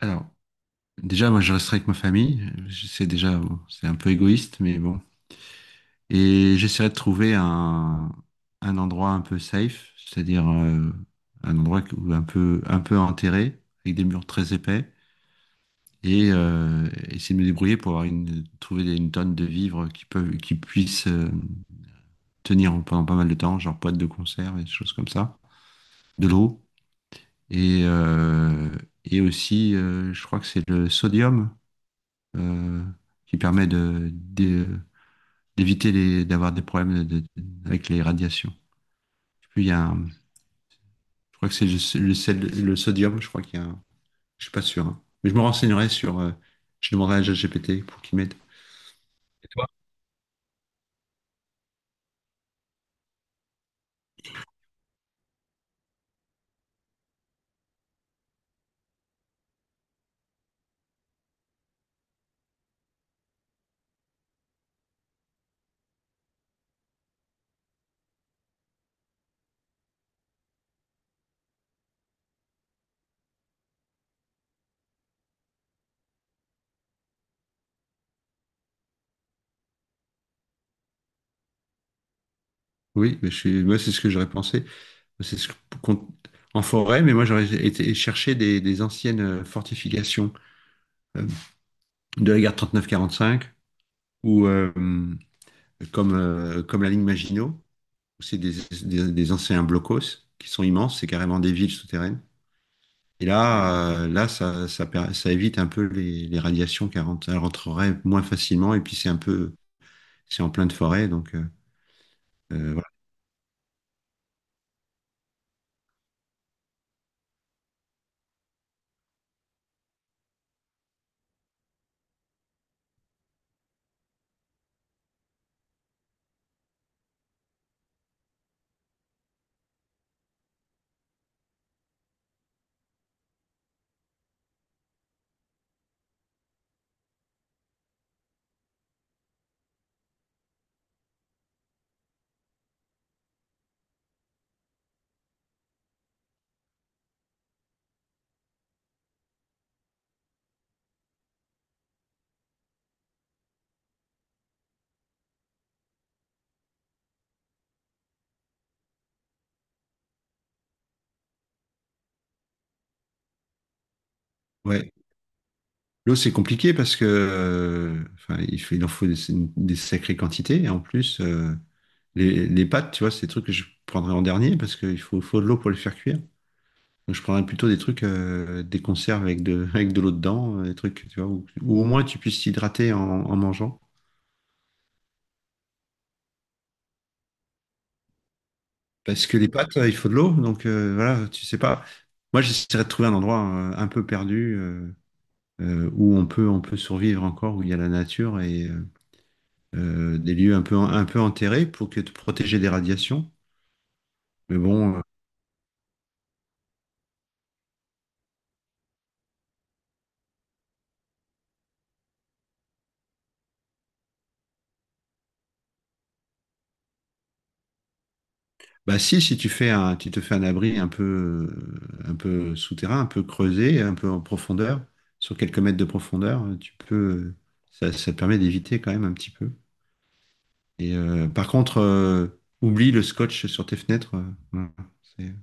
Alors, déjà, moi, je resterai avec ma famille. Je sais déjà, bon, c'est un peu égoïste, mais bon. Et j'essaierai de trouver un endroit un peu safe, c'est-à-dire un endroit où un peu enterré, avec des murs très épais, et essayer de me débrouiller pour avoir une, trouver des- une tonne de vivres qui puissent tenir pendant pas mal de temps, genre boîtes de conserve et des choses comme ça, de l'eau, et, euh, et aussi, je crois que c'est le sodium, euh, qui permet d'éviter d'avoir des problèmes avec les radiations. Puis il y a je crois que c'est le sodium, je crois qu'il y a je suis pas sûr, hein. Mais je me renseignerai je demanderai à ChatGPT pour qu'il m'aide. Oui, mais moi, c'est ce que j'aurais pensé. C'est ce qu'on- en forêt, mais moi, j'aurais été chercher des anciennes fortifications euh, de la guerre 39-45 ou comme, comme la ligne Maginot. C'est des anciens blocos qui sont immenses, c'est carrément des villes souterraines. Et là ça évite un peu les radiations elles rentreraient moins facilement. Et puis c'est en pleine forêt, donc voilà. Ouais. L'eau, c'est compliqué parce que, enfin, il en faut des sacrées quantités. Et en plus, les pâtes, tu vois, c'est des trucs que je prendrais en dernier parce qu'il faut de l'eau pour les faire cuire. Donc, je prendrais plutôt des trucs, des conserves avec de, avec de l'eau dedans, des trucs, tu vois, où au moins tu puisses t'hydrater en mangeant. Parce que les pâtes, il faut de l'eau, donc voilà, tu sais pas. Moi, j'essaierais de trouver un endroit un peu perdu, où on peut survivre encore, où il y a la nature et des lieux un peu enterrés pour que te protéger des radiations. Mais bon, bah, si, tu te fais un abri un peu souterrain, un peu creusé, un peu en profondeur, sur quelques mètres de profondeur, ça te permet d'éviter quand même un petit peu. Et par contre, oublie le scotch sur tes fenêtres. Voilà. C'est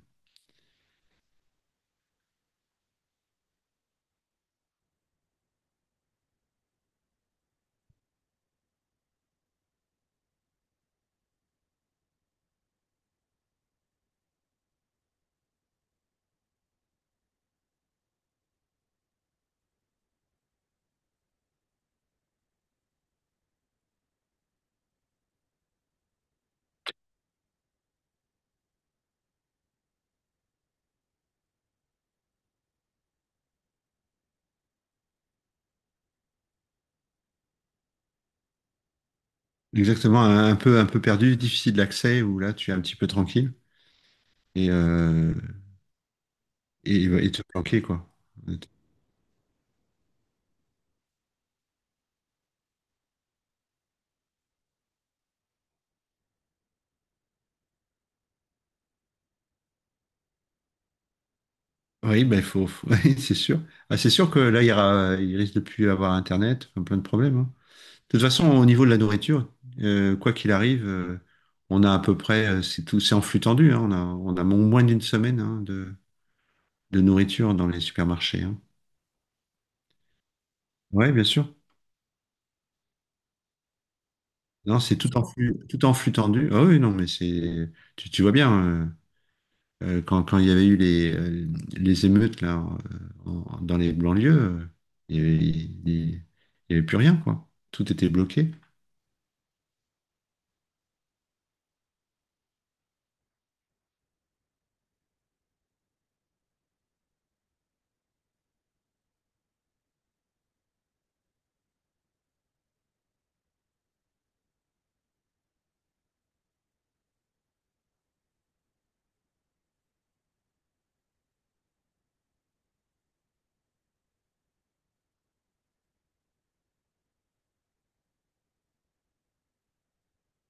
exactement un peu perdu, difficile d'accès, où là tu es un petit peu tranquille et, euh, et te planquer, quoi. Oui, bah, oui, c'est sûr. Ah, c'est sûr que là il risque de plus avoir Internet, enfin, plein de problèmes, hein. De toute façon, au niveau de la nourriture, quoi qu'il arrive, on a à peu près, c'est tout, c'est en flux tendu, hein, moins d'une semaine, hein, de nourriture dans les supermarchés, hein. Ouais, bien sûr. Non, c'est tout en flux tendu. Ah oui, non, mais tu vois bien, quand il y avait eu les émeutes là, dans les banlieues, il n'y avait, il y avait plus rien, quoi. Tout était bloqué.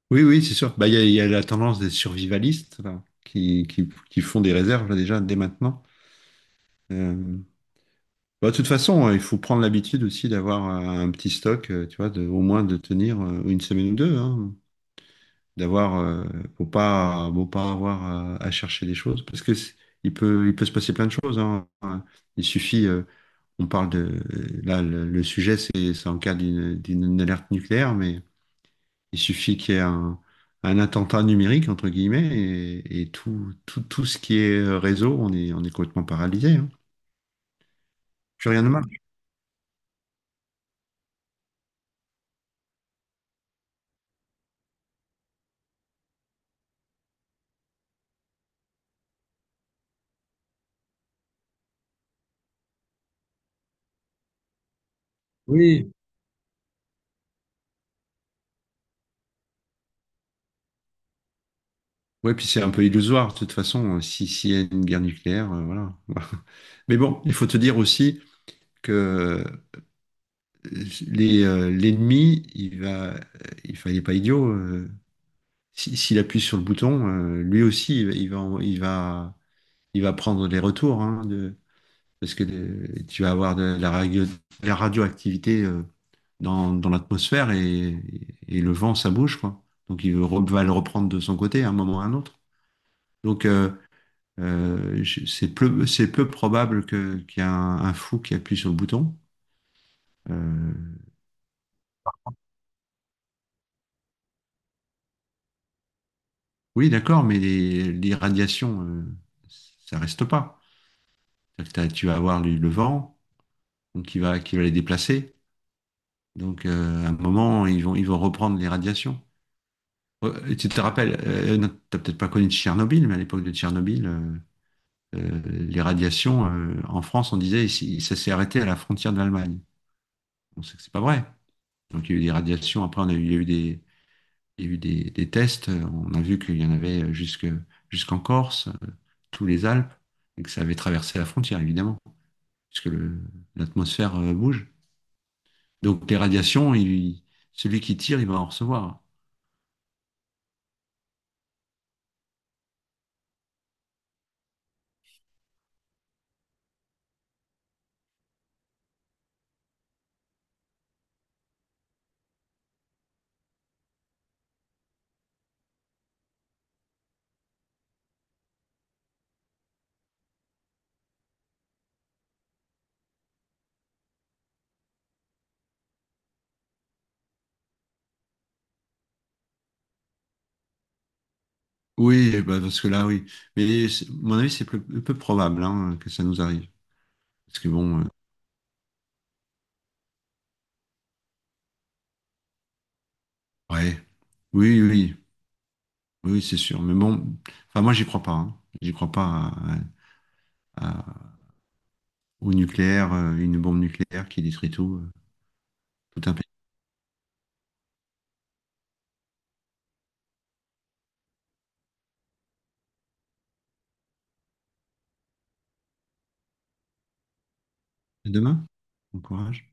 Oui, oui, c'est sûr. Bah, il y a la tendance des survivalistes là, qui font des réserves là, déjà dès maintenant. Euh, bah, de toute façon, il faut prendre l'habitude aussi d'avoir un petit stock, tu vois, au moins de tenir une semaine ou deux, hein, d'avoir, faut pas avoir à chercher des choses parce que il peut se passer plein de choses, hein. Il suffit, on parle de, là, le sujet, c'est en cas d'une alerte nucléaire, mais il suffit qu'il y ait un attentat numérique, entre guillemets, et tout ce qui est réseau, on est complètement paralysé, hein. Plus rien ne marche. Oui. Ouais, puis c'est un peu illusoire, de toute façon, si, s'il y a une guerre nucléaire, voilà. Mais bon, il faut te dire aussi que l'ennemi, il va, il fa- il est pas idiot. S'il appuie sur le bouton, lui aussi, il va, en- il va prendre les retours, hein, parce que tu vas avoir de la radioactivité dans l'atmosphère et le vent, ça bouge, quoi. Donc il va le reprendre de son côté à un moment ou à un autre. Donc c'est peu probable qu'il y ait un fou qui appuie sur le bouton. Euh, oui, d'accord, mais les radiations, ça reste pas. C'est-à-dire que tu vas avoir le vent donc qui va les déplacer. Donc à un moment, ils vont reprendre les radiations. Ouais, tu te rappelles, non, t'as peut-être pas connu Tchernobyl, mais à l'époque de Tchernobyl, euh, les radiations, en France, on disait, ici, ça s'est arrêté à la frontière de l'Allemagne. On sait que c'est pas vrai. Donc il y a eu des radiations, après il y a eu des, il y a eu des tests, on a vu qu'il y en avait jusqu'en Corse, tous les Alpes, et que ça avait traversé la frontière, évidemment, puisque l'atmosphère bouge. Donc les radiations, celui qui tire, il va en recevoir. Oui, bah, parce que là, oui. Mais mon avis, c'est peu probable, hein, que ça nous arrive. Parce que bon, ouais. Oui, oui, oui, c'est sûr. Mais bon, enfin, moi, j'y crois pas, hein. J'y crois pas à- au nucléaire, une bombe nucléaire qui détruit tout un pays. À demain. Bon courage.